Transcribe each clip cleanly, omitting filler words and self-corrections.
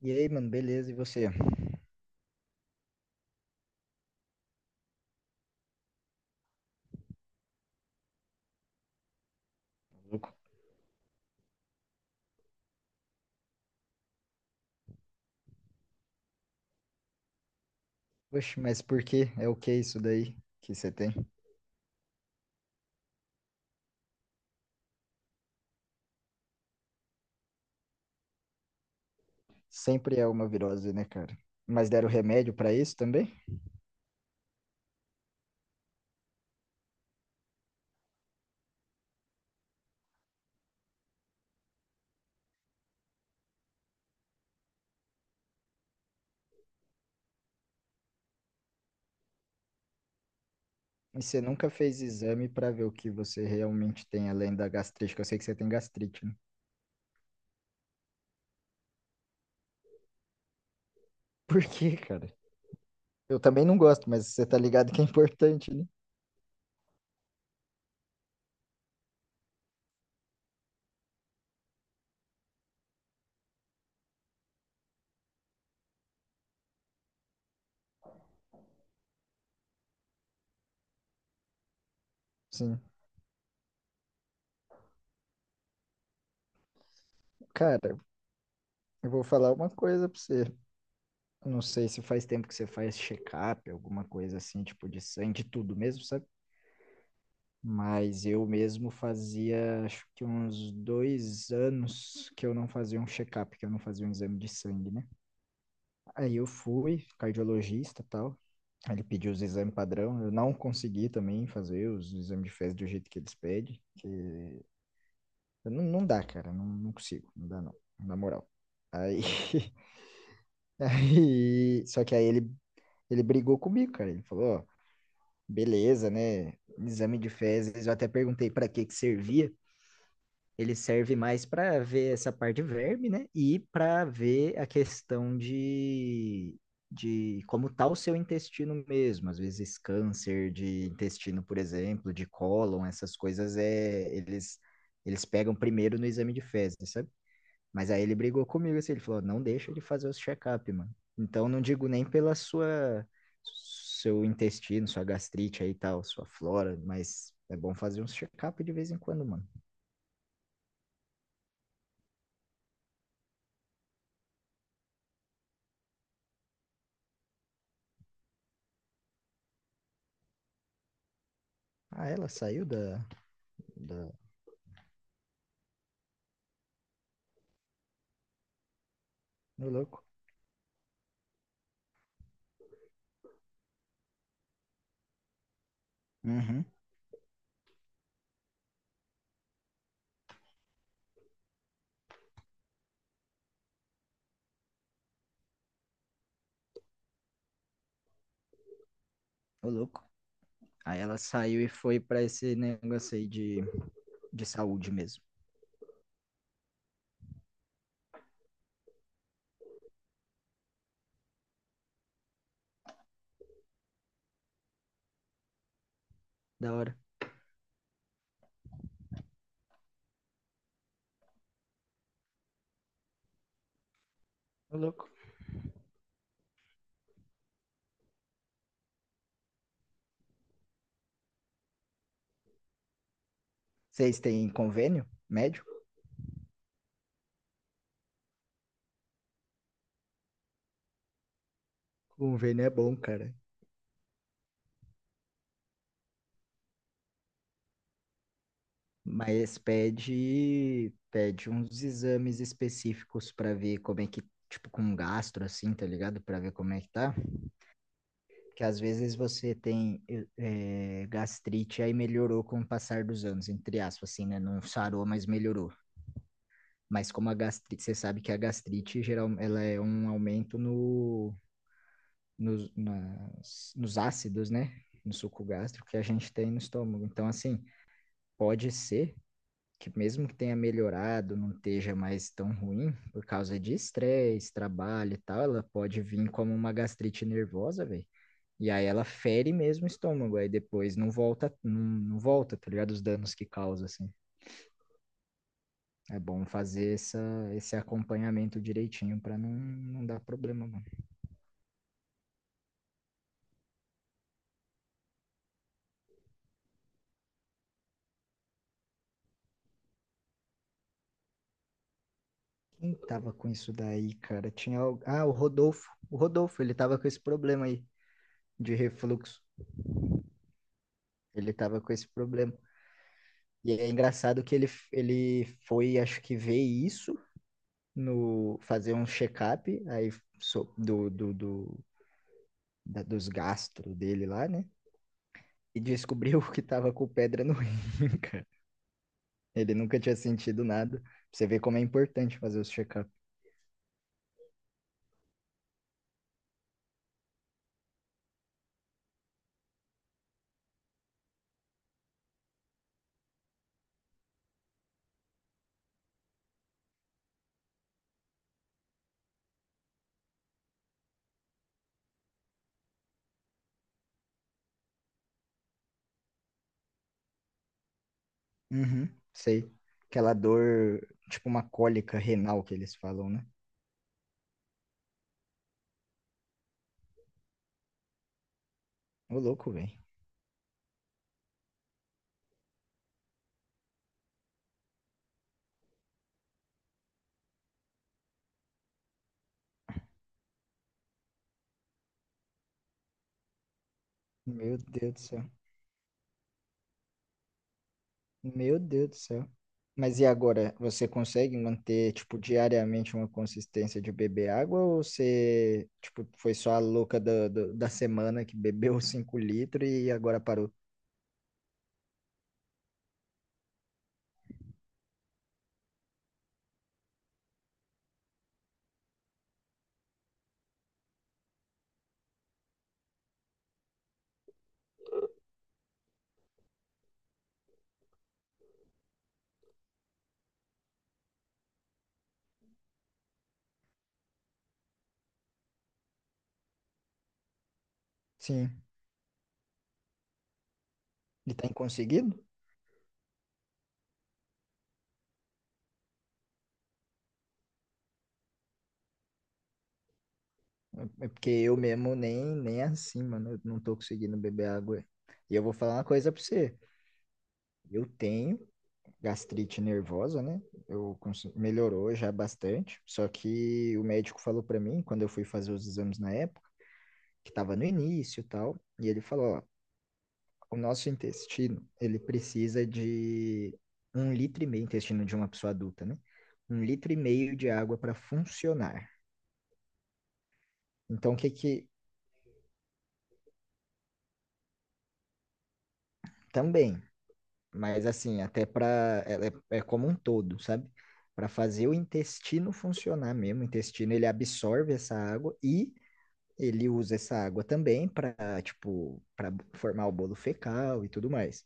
E aí, mano, beleza? E você? Louco. Oxe, mas por que? É o que isso daí que você tem? Sempre é uma virose, né, cara? Mas deram remédio pra isso também? E você nunca fez exame pra ver o que você realmente tem além da gastrite, que eu sei que você tem gastrite, né? Por quê, cara? Eu também não gosto, mas você tá ligado que é importante, né? Sim. Cara, eu vou falar uma coisa pra você. Eu não sei se faz tempo que você faz check-up, alguma coisa assim, tipo de sangue, de tudo mesmo, sabe? Mas eu mesmo fazia, acho que uns 2 anos que eu não fazia um check-up, que eu não fazia um exame de sangue, né? Aí eu fui, cardiologista e tal. Aí ele pediu os exames padrão. Eu não consegui também fazer os exames de fezes do jeito que eles pedem. Que eu não dá, cara. Não, não consigo. Não dá, não. Na moral. Aí, aí, só que aí ele brigou comigo, cara. Ele falou, ó, beleza, né? Exame de fezes. Eu até perguntei pra que que servia. Ele serve mais para ver essa parte de verme, né? E para ver a questão de como tá o seu intestino mesmo. Às vezes câncer de intestino, por exemplo, de cólon, essas coisas é eles pegam primeiro no exame de fezes, sabe? Mas aí ele brigou comigo assim, ele falou: "Não deixa ele fazer os check-up, mano". Então não digo nem pela sua seu intestino, sua gastrite aí e tal, sua flora, mas é bom fazer uns check-up de vez em quando, mano. Ah, ela saiu da, da... Ô, louco. Uhum. Ô, louco. Aí ela saiu e foi pra esse negócio aí de saúde mesmo. Da hora. Ô, louco. Vocês têm convênio médico? Convênio é bom, cara. Mas pede, pede uns exames específicos pra ver como é que, tipo, com gastro, assim, tá ligado? Pra ver como é que tá. Que às vezes você tem gastrite, aí melhorou com o passar dos anos, entre aspas, assim, né? Não sarou, mas melhorou. Mas como a gastrite, você sabe que a gastrite geral, ela é um aumento no, nos, nas- nos ácidos, né? No suco gástrico que a gente tem no estômago. Então, assim, pode ser que mesmo que tenha melhorado, não esteja mais tão ruim, por causa de estresse, trabalho e tal, ela pode vir como uma gastrite nervosa, velho. E aí ela fere mesmo o estômago, aí depois não volta, não volta, tá ligado? Os danos que causa, assim. É bom fazer essa, esse acompanhamento direitinho para não dar problema, mano. Quem tava com isso daí, cara? Tinha. Ah, o Rodolfo. O Rodolfo, ele tava com esse problema aí de refluxo. Ele tava com esse problema. E é engraçado que ele foi, acho que, ver isso no fazer um check-up aí so- do, do, do, dos gastro dele lá, né? E descobriu que tava com pedra no rim, cara. Ele nunca tinha sentido nada. Você vê como é importante fazer os check-ups. Uhum, sei. Aquela dor, tipo uma cólica renal que eles falam, né? Ô, louco, velho. Meu Deus do céu. Meu Deus do céu. Mas e agora, você consegue manter, tipo, diariamente uma consistência de beber água ou você, tipo, foi só a louca da semana que bebeu 5 litros e agora parou? Sim. E tem conseguido? É porque eu mesmo nem é assim, mano, eu não tô conseguindo beber água. E eu vou falar uma coisa pra você. Eu tenho gastrite nervosa, né? Melhorou já bastante, só que o médico falou para mim quando eu fui fazer os exames na época, que estava no início, e tal, e ele falou, ó, o nosso intestino, ele precisa de 1,5 litro intestino de uma pessoa adulta, né? 1,5 litro de água para funcionar. Então, o que que também, mas assim, até para é, é como um todo, sabe? Para fazer o intestino funcionar mesmo, o intestino ele absorve essa água e ele usa essa água também para, tipo, para formar o bolo fecal e tudo mais.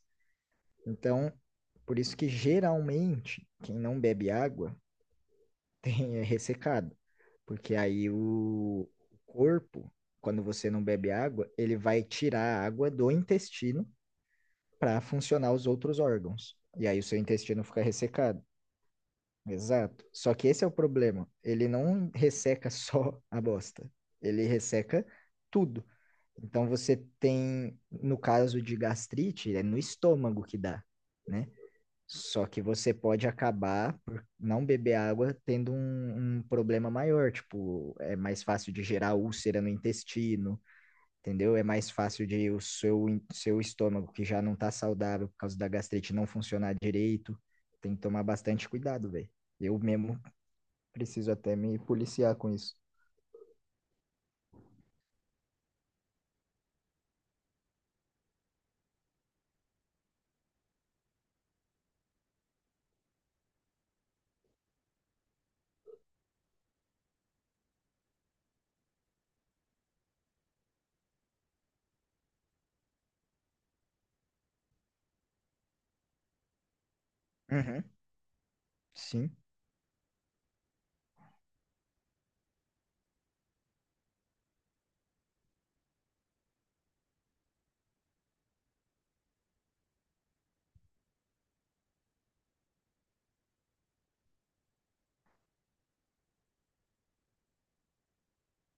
Então, por isso que geralmente quem não bebe água tem é ressecado, porque aí o corpo, quando você não bebe água, ele vai tirar a água do intestino para funcionar os outros órgãos. E aí o seu intestino fica ressecado. Exato. Só que esse é o problema. Ele não resseca só a bosta. Ele resseca tudo. Então você tem, no caso de gastrite, é no estômago que dá, né? Só que você pode acabar por não beber água tendo um problema maior, tipo, é mais fácil de gerar úlcera no intestino, entendeu? É mais fácil de o seu, seu estômago, que já não tá saudável por causa da gastrite, não funcionar direito. Tem que tomar bastante cuidado, velho. Eu mesmo preciso até me policiar com isso. Uhum, sim,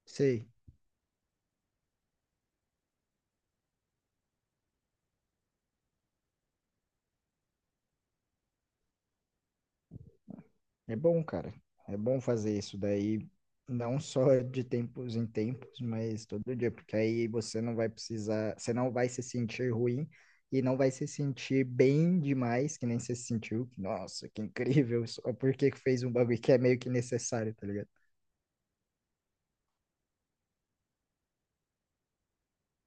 sei. É bom, cara. É bom fazer isso daí, não só de tempos em tempos, mas todo dia, porque aí você não vai precisar, você não vai se sentir ruim e não vai se sentir bem demais, que nem você se sentiu. Nossa, que incrível, só porque que fez um bagulho que é meio que necessário, tá ligado?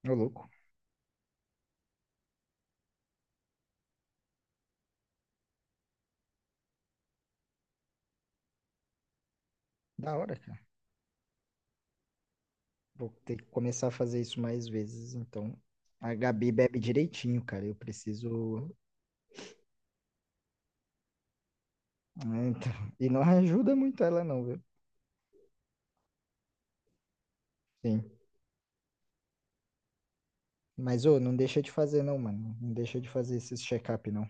Ô, louco. Da hora, cara. Vou ter que começar a fazer isso mais vezes, então. A Gabi bebe direitinho, cara. Eu preciso. Ah, então... E não ajuda muito ela, não, viu? Sim. Mas, ô, não deixa de fazer, não, mano. Não deixa de fazer esses check-up, não.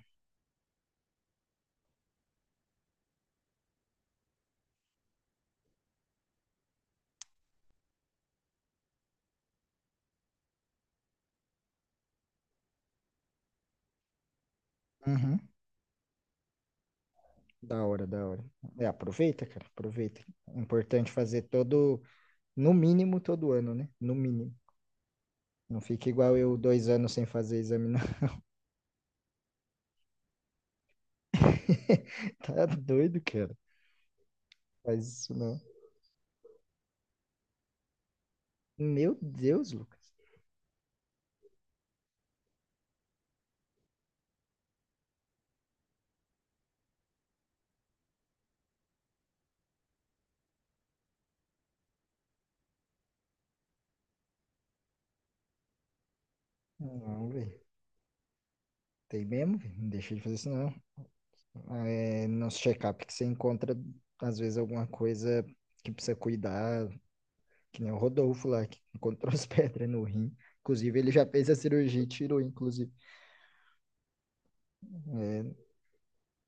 Uhum. Da hora, da hora. É, aproveita, cara. Aproveita. É importante fazer todo, no mínimo, todo ano, né? No mínimo. Não fica igual eu, 2 anos sem fazer exame, não. Tá doido, cara. Faz isso, não. Meu Deus, Lucas. Não, velho. Tem mesmo, velho. Não deixa de fazer isso, não. É, nos check-up que você encontra, às vezes, alguma coisa que precisa cuidar. Que nem o Rodolfo lá, que encontrou as pedras no rim. Inclusive, ele já fez a cirurgia e tirou, inclusive.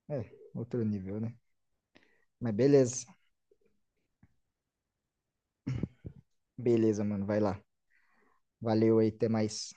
É, é, outro nível, né? Mas beleza. Beleza, mano. Vai lá. Valeu aí, até mais.